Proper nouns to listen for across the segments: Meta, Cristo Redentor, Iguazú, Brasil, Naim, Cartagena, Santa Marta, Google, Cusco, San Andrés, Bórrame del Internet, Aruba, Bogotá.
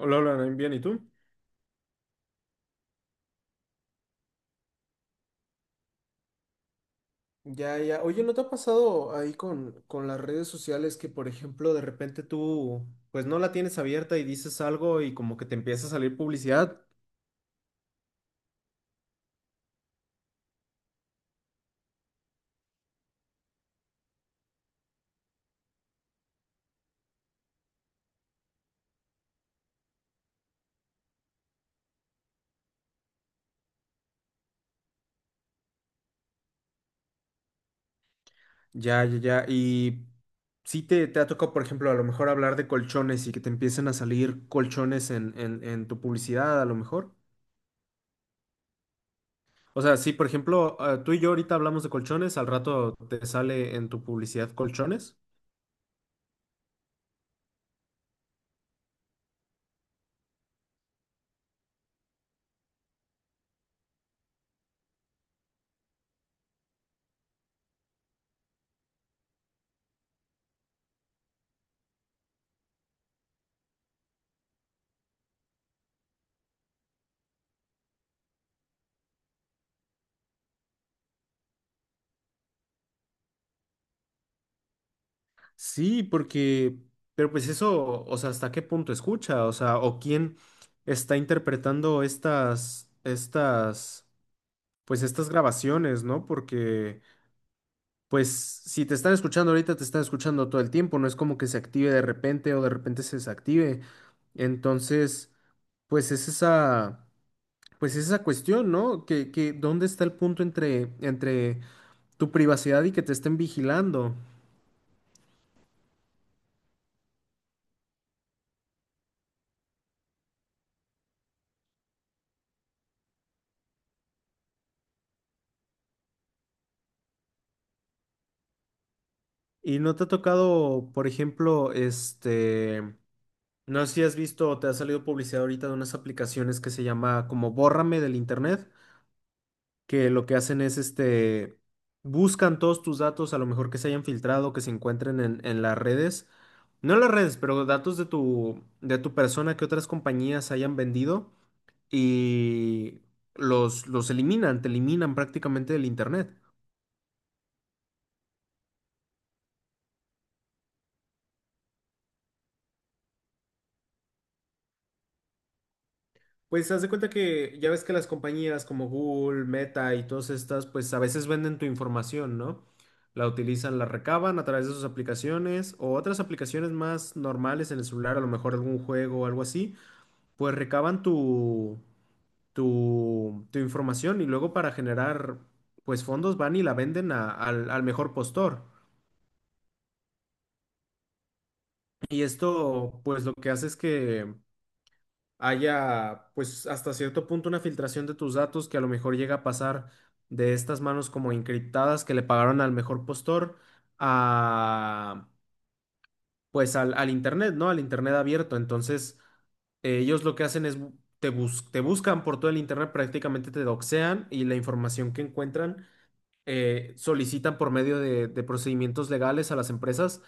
Hola, hola, Naim, bien, ¿y tú? Ya, ya. Oye, ¿no te ha pasado ahí con las redes sociales que, por ejemplo, de repente tú, pues no la tienes abierta y dices algo y como que te empieza a salir publicidad? Ya, ya, ya. Y sí te ha tocado, por ejemplo, a lo mejor hablar de colchones y que te empiecen a salir colchones en tu publicidad, a lo mejor. O sea, sí, por ejemplo, tú y yo ahorita hablamos de colchones, al rato te sale en tu publicidad colchones. Sí, porque, pero pues eso, o sea, ¿hasta qué punto escucha? O sea, ¿o quién está interpretando estas, pues estas grabaciones, ¿no? Porque, pues, si te están escuchando ahorita, te están escuchando todo el tiempo, no es como que se active de repente o de repente se desactive. Entonces, pues es esa, pues es esa cuestión, ¿no? ¿Dónde está el punto entre tu privacidad y que te estén vigilando? ¿Y no te ha tocado, por ejemplo, no sé si has visto o te ha salido publicidad ahorita de unas aplicaciones que se llama como Bórrame del Internet, que lo que hacen es, buscan todos tus datos, a lo mejor que se hayan filtrado, que se encuentren en las redes, no en las redes, pero datos de tu persona que otras compañías hayan vendido y los eliminan, te eliminan prácticamente del Internet. Pues haz de cuenta que ya ves que las compañías como Google, Meta y todas estas, pues a veces venden tu información, ¿no? La utilizan, la recaban a través de sus aplicaciones o otras aplicaciones más normales en el celular, a lo mejor algún juego o algo así, pues recaban tu información y luego para generar, pues fondos van y la venden al mejor postor. Y esto, pues lo que hace es que haya, pues hasta cierto punto una filtración de tus datos que a lo mejor llega a pasar de estas manos como encriptadas que le pagaron al mejor postor a, pues al internet, ¿no? Al internet abierto. Entonces, ellos lo que hacen es te buscan por todo el internet, prácticamente te doxean y la información que encuentran solicitan por medio de procedimientos legales a las empresas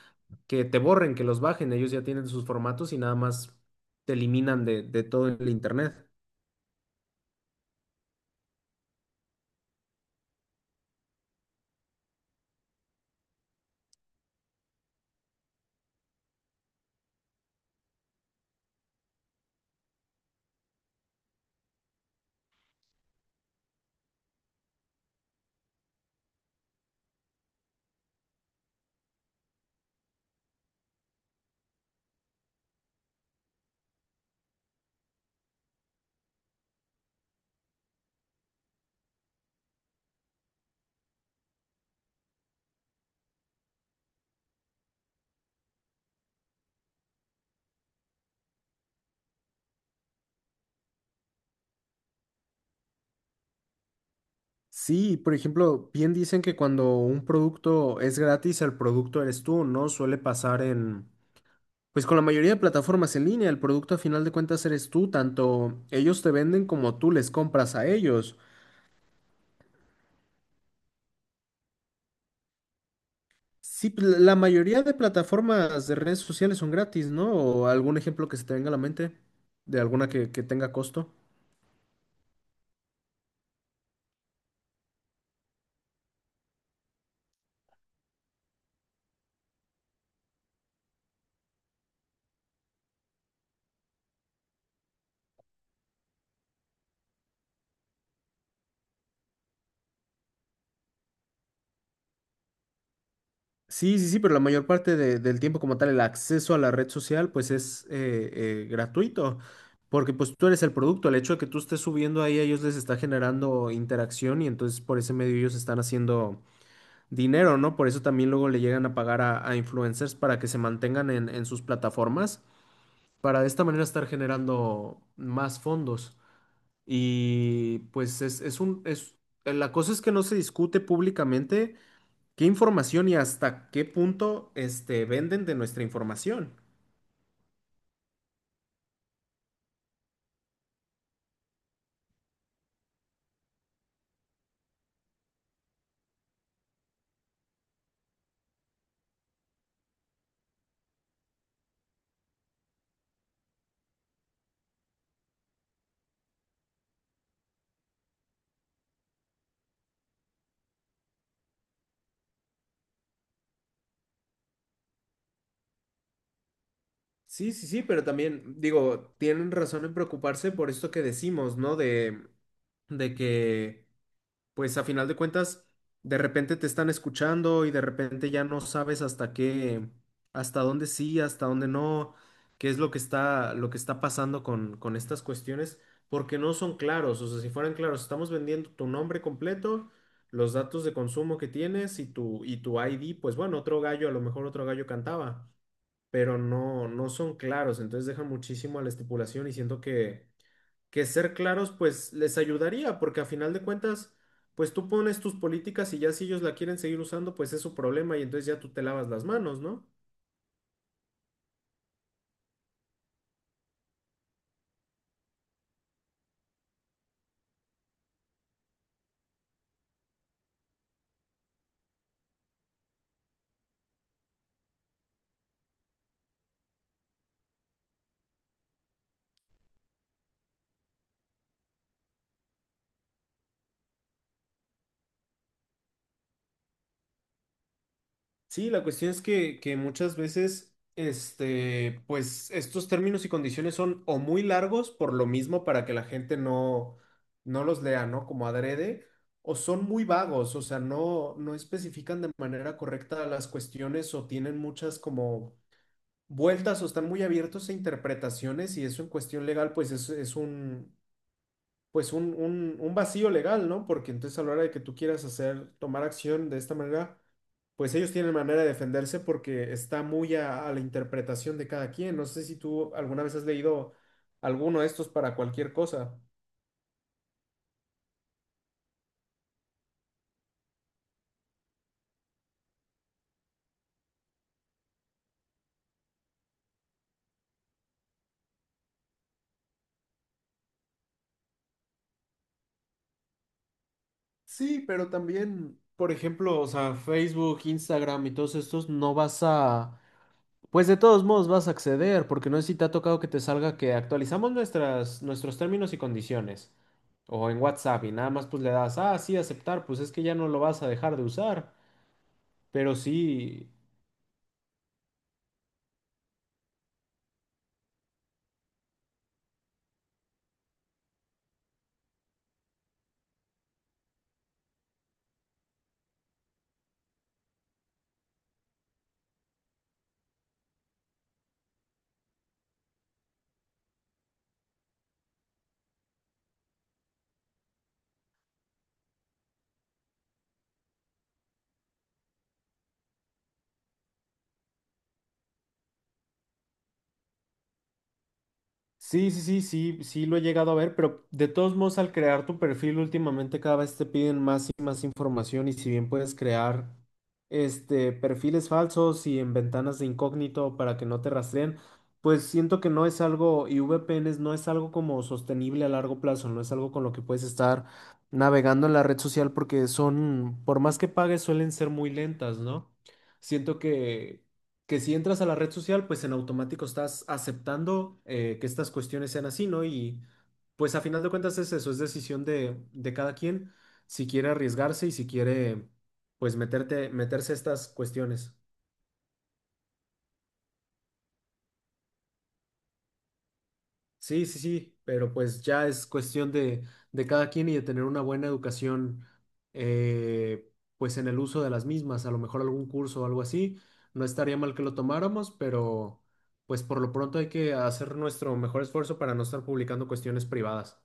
que te borren, que los bajen. Ellos ya tienen sus formatos y nada más te eliminan de todo el internet. Sí, por ejemplo, bien dicen que cuando un producto es gratis, el producto eres tú, ¿no? Suele pasar en, pues con la mayoría de plataformas en línea, el producto a final de cuentas eres tú, tanto ellos te venden como tú les compras a ellos. Sí, pues, la mayoría de plataformas de redes sociales son gratis, ¿no? ¿O algún ejemplo que se te venga a la mente de alguna que tenga costo? Sí, sí, sí, pero la mayor parte del tiempo como tal, el acceso a la red social, pues es gratuito, porque pues tú eres el producto, el hecho de que tú estés subiendo ahí a ellos les está generando interacción y entonces por ese medio ellos están haciendo dinero, ¿no? Por eso también luego le llegan a pagar a influencers para que se mantengan en sus plataformas, para de esta manera estar generando más fondos. Y la cosa es que no se discute públicamente. ¿Qué información y hasta qué punto venden de nuestra información? Sí, sí, sí, pero también digo, tienen razón en preocuparse por esto que decimos, ¿no? De que... pues a final de cuentas, de repente te están escuchando y de repente ya no sabes hasta dónde sí, hasta dónde no, qué es lo que está pasando con estas cuestiones, porque no son claros. O sea, si fueran claros, estamos vendiendo tu nombre completo, los datos de consumo que tienes y tu ID, pues bueno, otro gallo, a lo mejor otro gallo cantaba, pero no, no son claros, entonces dejan muchísimo a la estipulación y siento que ser claros pues les ayudaría, porque a final de cuentas, pues tú pones tus políticas y ya si ellos la quieren seguir usando, pues es su problema y entonces ya tú te lavas las manos, ¿no? Sí, la cuestión es que muchas veces, pues estos términos y condiciones son o muy largos por lo mismo para que la gente no, no los lea, ¿no? Como adrede, o son muy vagos, o sea, no, no especifican de manera correcta las cuestiones o tienen muchas como vueltas o están muy abiertos a interpretaciones y eso en cuestión legal pues pues un vacío legal, ¿no? Porque entonces a la hora de que tú quieras hacer, tomar acción de esta manera, pues ellos tienen manera de defenderse porque está muy a la interpretación de cada quien. No sé si tú alguna vez has leído alguno de estos para cualquier cosa. Sí, pero también, por ejemplo, o sea, Facebook, Instagram y todos estos, no vas a. Pues de todos modos vas a acceder, porque no sé si te ha tocado que te salga que actualizamos nuestros términos y condiciones. O en WhatsApp y nada más pues le das, ah, sí, aceptar, pues es que ya no lo vas a dejar de usar. Pero sí. Sí, lo he llegado a ver, pero de todos modos al crear tu perfil últimamente cada vez te piden más y más información y si bien puedes crear perfiles falsos y en ventanas de incógnito para que no te rastreen, pues siento que no es algo y VPNs no es algo como sostenible a largo plazo, no es algo con lo que puedes estar navegando en la red social porque son, por más que pagues, suelen ser muy lentas, ¿no? Siento que si entras a la red social, pues en automático estás aceptando que estas cuestiones sean así, ¿no? Y pues a final de cuentas es eso, es decisión de cada quien si quiere arriesgarse y si quiere, pues meterse a estas cuestiones. Sí, sí, sí, pero pues ya es cuestión de cada quien y de tener una buena educación, eh, pues en el uso de las mismas, a lo mejor algún curso o algo así, no estaría mal que lo tomáramos, pero pues por lo pronto hay que hacer nuestro mejor esfuerzo para no estar publicando cuestiones privadas.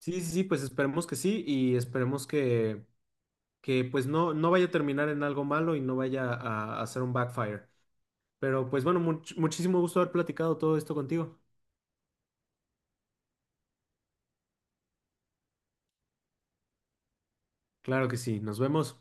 Sí, sí, sí, pues esperemos que sí y esperemos que pues no, no vaya a terminar en algo malo y no vaya a hacer un backfire. Pero pues bueno, muchísimo gusto haber platicado todo esto contigo. Claro que sí, nos vemos.